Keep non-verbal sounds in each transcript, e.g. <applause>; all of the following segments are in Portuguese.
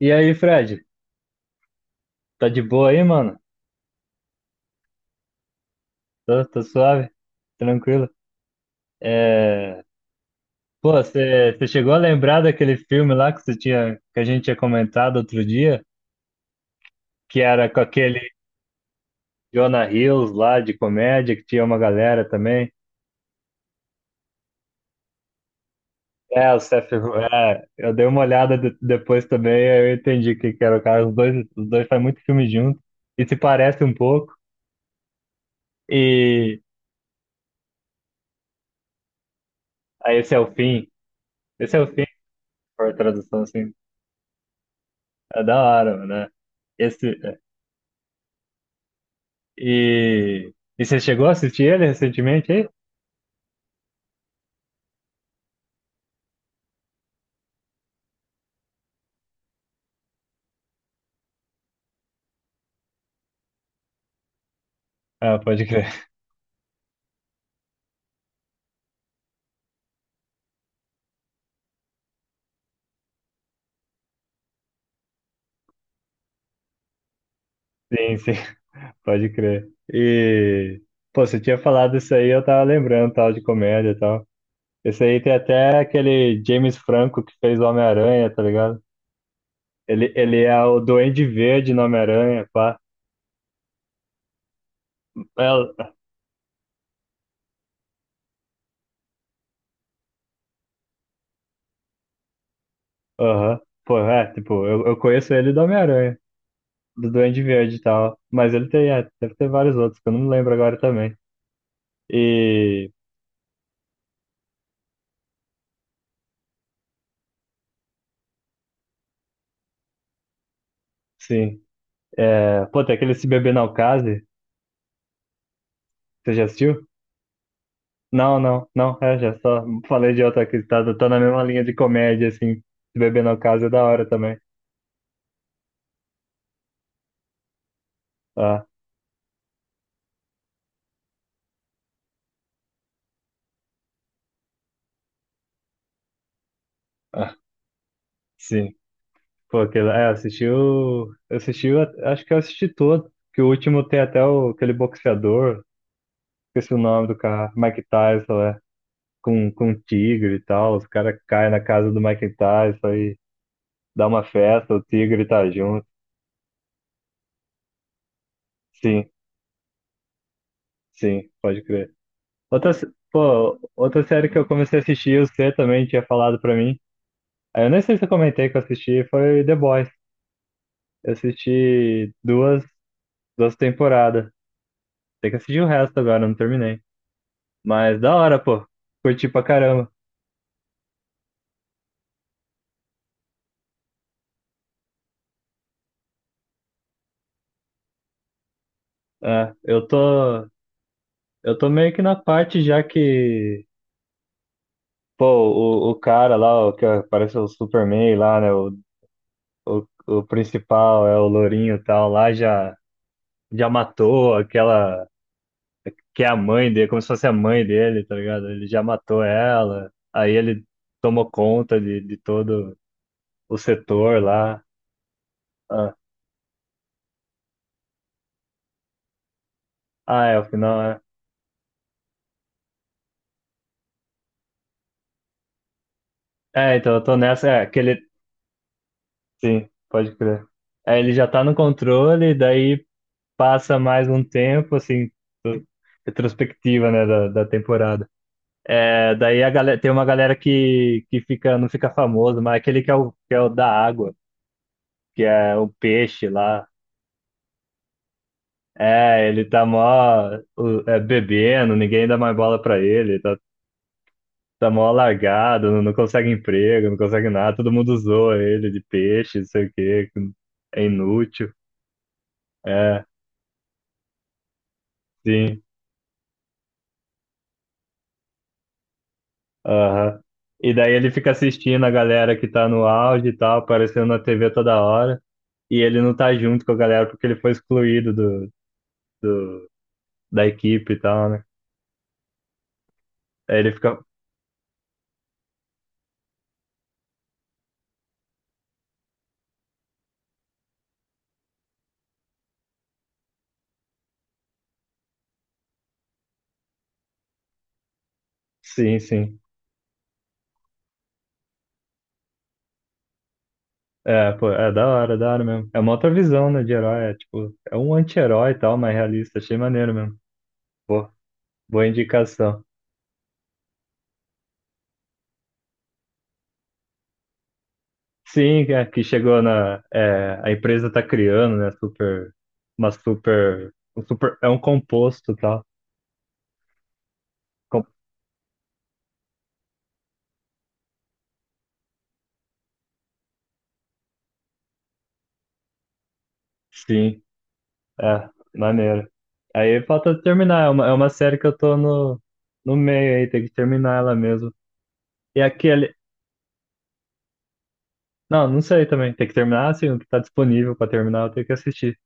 E aí, Fred? Tá de boa aí, mano? Tô, suave, tranquilo. É... Pô, você chegou a lembrar daquele filme lá que você tinha, que a gente tinha comentado outro dia, que era com aquele Jonah Hills lá de comédia, que tinha uma galera também. É, o Seth, é, eu dei uma olhada depois também, aí eu entendi que era o cara. Os dois fazem muito filme junto e se parecem um pouco. E aí esse é o fim. Esse é o fim, por tradução assim. É da hora, mano, né? Esse. é, E, e você chegou a assistir ele recentemente aí? Ah, pode crer. <laughs> Sim, sim, pode crer. Pô, você tinha falado isso aí, eu tava lembrando, tal, de comédia e tal. Esse aí tem até aquele James Franco que fez o Homem-Aranha, tá ligado? Ele é o Duende Verde no Homem-Aranha, pá. É, aham. Pô, é, tipo, eu conheço ele do Homem-Aranha, do Duende Verde e tal. Mas ele tem, é, deve ter vários outros, que eu não lembro agora também. E, sim. É, pô, tem aquele Se Beber Não Case. Você já assistiu? Não, não, não, é, já só falei de outra que tá na mesma linha de comédia, assim. Se beber no caso é da hora também. Ah, ah, sim. Pô, aquele, é, assistiu, assistiu, acho que eu assisti todo, que o último tem até o, aquele boxeador, esqueci o nome do cara, Mike Tyson, é, com um tigre e tal, os caras caem na casa do Mike Tyson e dá uma festa, o tigre tá junto. Sim, sim, pode crer. Outra, se- pô, outra série que eu comecei a assistir, você também tinha falado pra mim. Aí eu nem sei se eu comentei que eu assisti, foi The Boys. Eu assisti duas, duas temporadas. Tem que assistir o resto agora, eu não terminei. Mas da hora, pô. Curti pra caramba. É, eu tô, eu tô meio que na parte já que, pô, o cara lá, o que parece o Superman lá, né? O, o principal é o Lourinho e tal, lá já, já matou aquela. Que é a mãe dele, como se fosse a mãe dele, tá ligado? Ele já matou ela, aí ele tomou conta de todo o setor lá. Ah, ah, é, o final é. É, então eu tô nessa, é, que ele. Sim, pode crer. É, ele já tá no controle, daí passa mais um tempo, assim, retrospectiva, né, da temporada. É, daí a galera, tem uma galera que fica, não fica famosa, mas aquele que é o da água, que é o peixe lá. É, ele tá mó é, bebendo, ninguém dá mais bola pra ele, tá, tá mó largado, não, não consegue emprego, não consegue nada, todo mundo zoa ele de peixe, não sei o quê, que é inútil. É, sim, aham. E daí ele fica assistindo a galera que tá no auge e tal, aparecendo na TV toda hora, e ele não tá junto com a galera porque ele foi excluído do, da equipe e tal, né? Aí ele fica, sim, sim. É, pô, é da hora mesmo. É uma outra visão, né, de herói. É tipo, é um anti-herói e tal, mas realista. Achei maneiro mesmo. Pô, boa indicação. Sim, é, que chegou na. É, a empresa tá criando, né? Super. Uma super. Um super é um composto e tal. Com- sim, é, maneiro. Aí falta terminar. É uma série que eu tô no, no meio aí, tem que terminar ela mesmo. E aquele. Não, não sei também. Tem que terminar, assim, o que tá disponível pra terminar, eu tenho que assistir.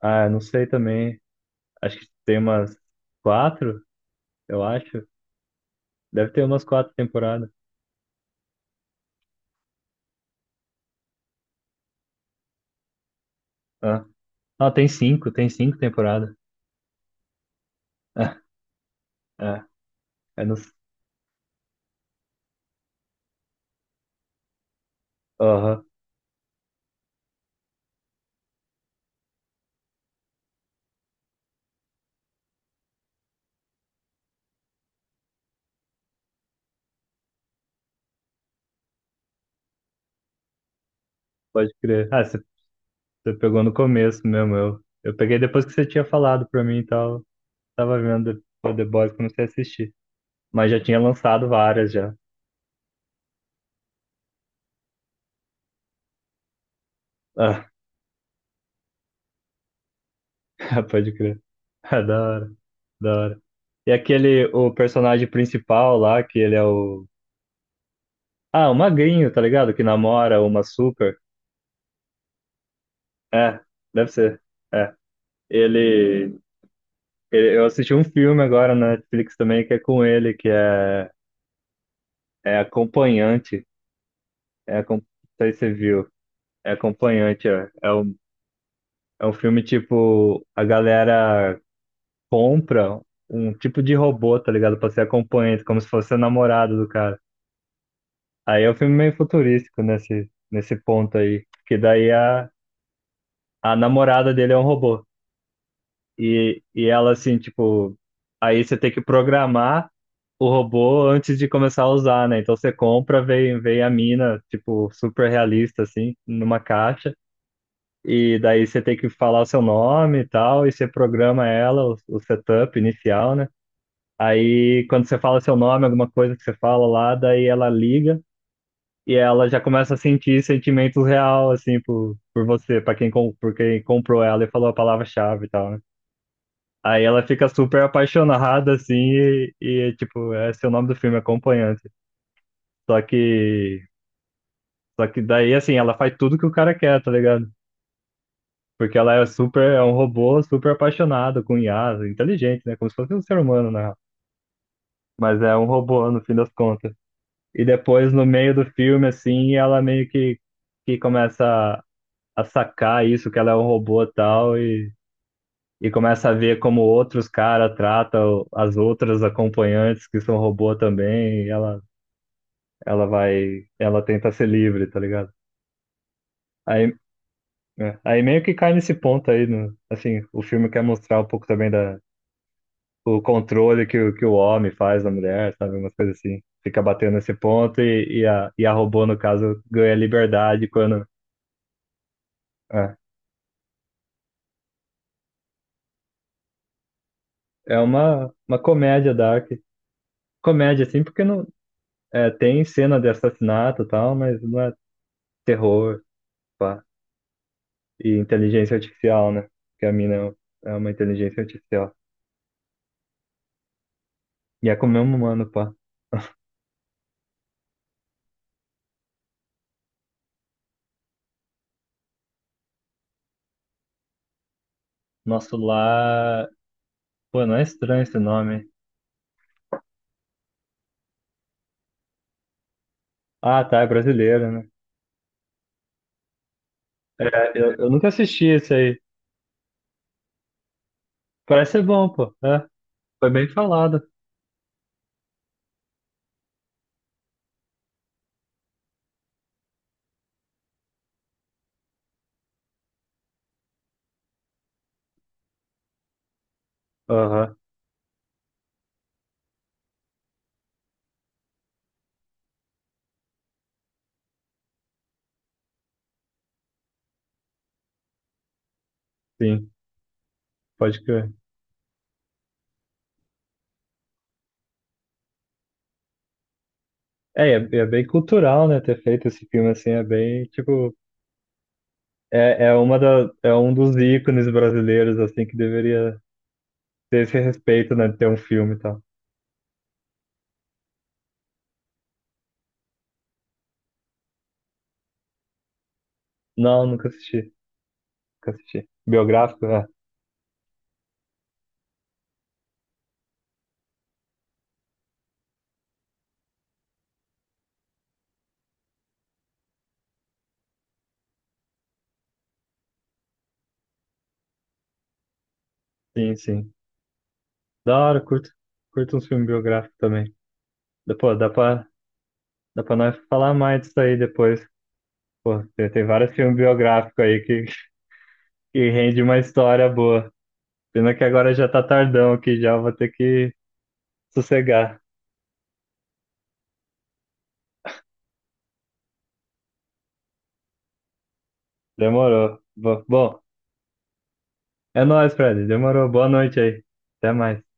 Ah, não sei também. Acho que tem umas quatro, eu acho. Deve ter umas quatro temporadas. Ah, ah, tem cinco temporadas. <laughs> Ah, ah, eu não... Aham, pode crer. Ah, você pegou no começo mesmo. Eu peguei depois que você tinha falado pra mim e tal. Tava vendo The Boys, comecei a assistir. Mas já tinha lançado várias já. Ah, <laughs> pode crer. Ah, da hora, da hora. E aquele, o personagem principal lá, que ele é o. Ah, o magrinho, tá ligado? Que namora uma super. É, deve ser. É. Ele, eu assisti um filme agora na Netflix também que é com ele, é Acompanhante. Não sei se você viu. É Acompanhante. É, é um filme tipo, a galera compra um tipo de robô, tá ligado? Pra ser acompanhante, como se fosse a namorada do cara. Aí é um filme meio futurístico nesse, nesse ponto aí. Que daí a namorada dele é um robô. E ela assim, tipo, aí você tem que programar o robô antes de começar a usar, né? Então você compra, vem, vem a mina, tipo, super realista, assim, numa caixa, e daí você tem que falar o seu nome e tal, e você programa ela, o setup inicial, né? Aí quando você fala seu nome, alguma coisa que você fala lá, daí ela liga e ela já começa a sentir sentimentos real, assim, por você, pra quem, por quem comprou ela e falou a palavra-chave e tal, né? Aí ela fica super apaixonada, assim, tipo, é esse é o nome do filme, Acompanhante. Só que, só que daí, assim, ela faz tudo que o cara quer, tá ligado? Porque ela é super, é um robô super apaixonado, com IA, inteligente, né? Como se fosse um ser humano, né? Mas é um robô, no fim das contas. E depois, no meio do filme, assim, ela meio que começa a sacar isso, que ela é um robô e tal, e começa a ver como outros caras tratam as outras acompanhantes que são robô também, e ela ela vai, ela tenta ser livre, tá ligado? Aí, é, aí meio que cai nesse ponto aí, no, assim, o filme quer mostrar um pouco também da, o controle que, que o homem faz da mulher, sabe? Umas coisas assim. Fica batendo nesse ponto e a robô, no caso, ganha liberdade quando. É, é uma comédia dark. Comédia, assim, porque não, é, tem cena de assassinato e tal, mas não é terror, pá. E inteligência artificial, né? Porque a mina é uma inteligência artificial. E é como um humano, pá. Nosso lar. Pô, não é estranho esse nome. Ah, tá, é brasileiro, né? Eu nunca assisti esse aí. Parece ser bom, pô. É, foi bem falado. Aham, sim, pode crer. É, e é bem cultural, né? Ter feito esse filme assim é bem, tipo. É, é, uma da, é um dos ícones brasileiros, assim, que deveria ter esse respeito, né? De ter um filme e tal. Não, nunca assisti. Nunca assisti. Biográfico? É, sim, sim. Da hora, curto. Curto uns filmes biográficos também. Pô, dá pra. Dá pra nós falar mais disso aí depois. Pô, tem vários filmes biográficos aí que rende uma história boa. Pena que agora já tá tardão aqui, já vou ter que sossegar. Demorou. Bom, é nóis, Fred. Demorou. Boa noite aí. Até mais.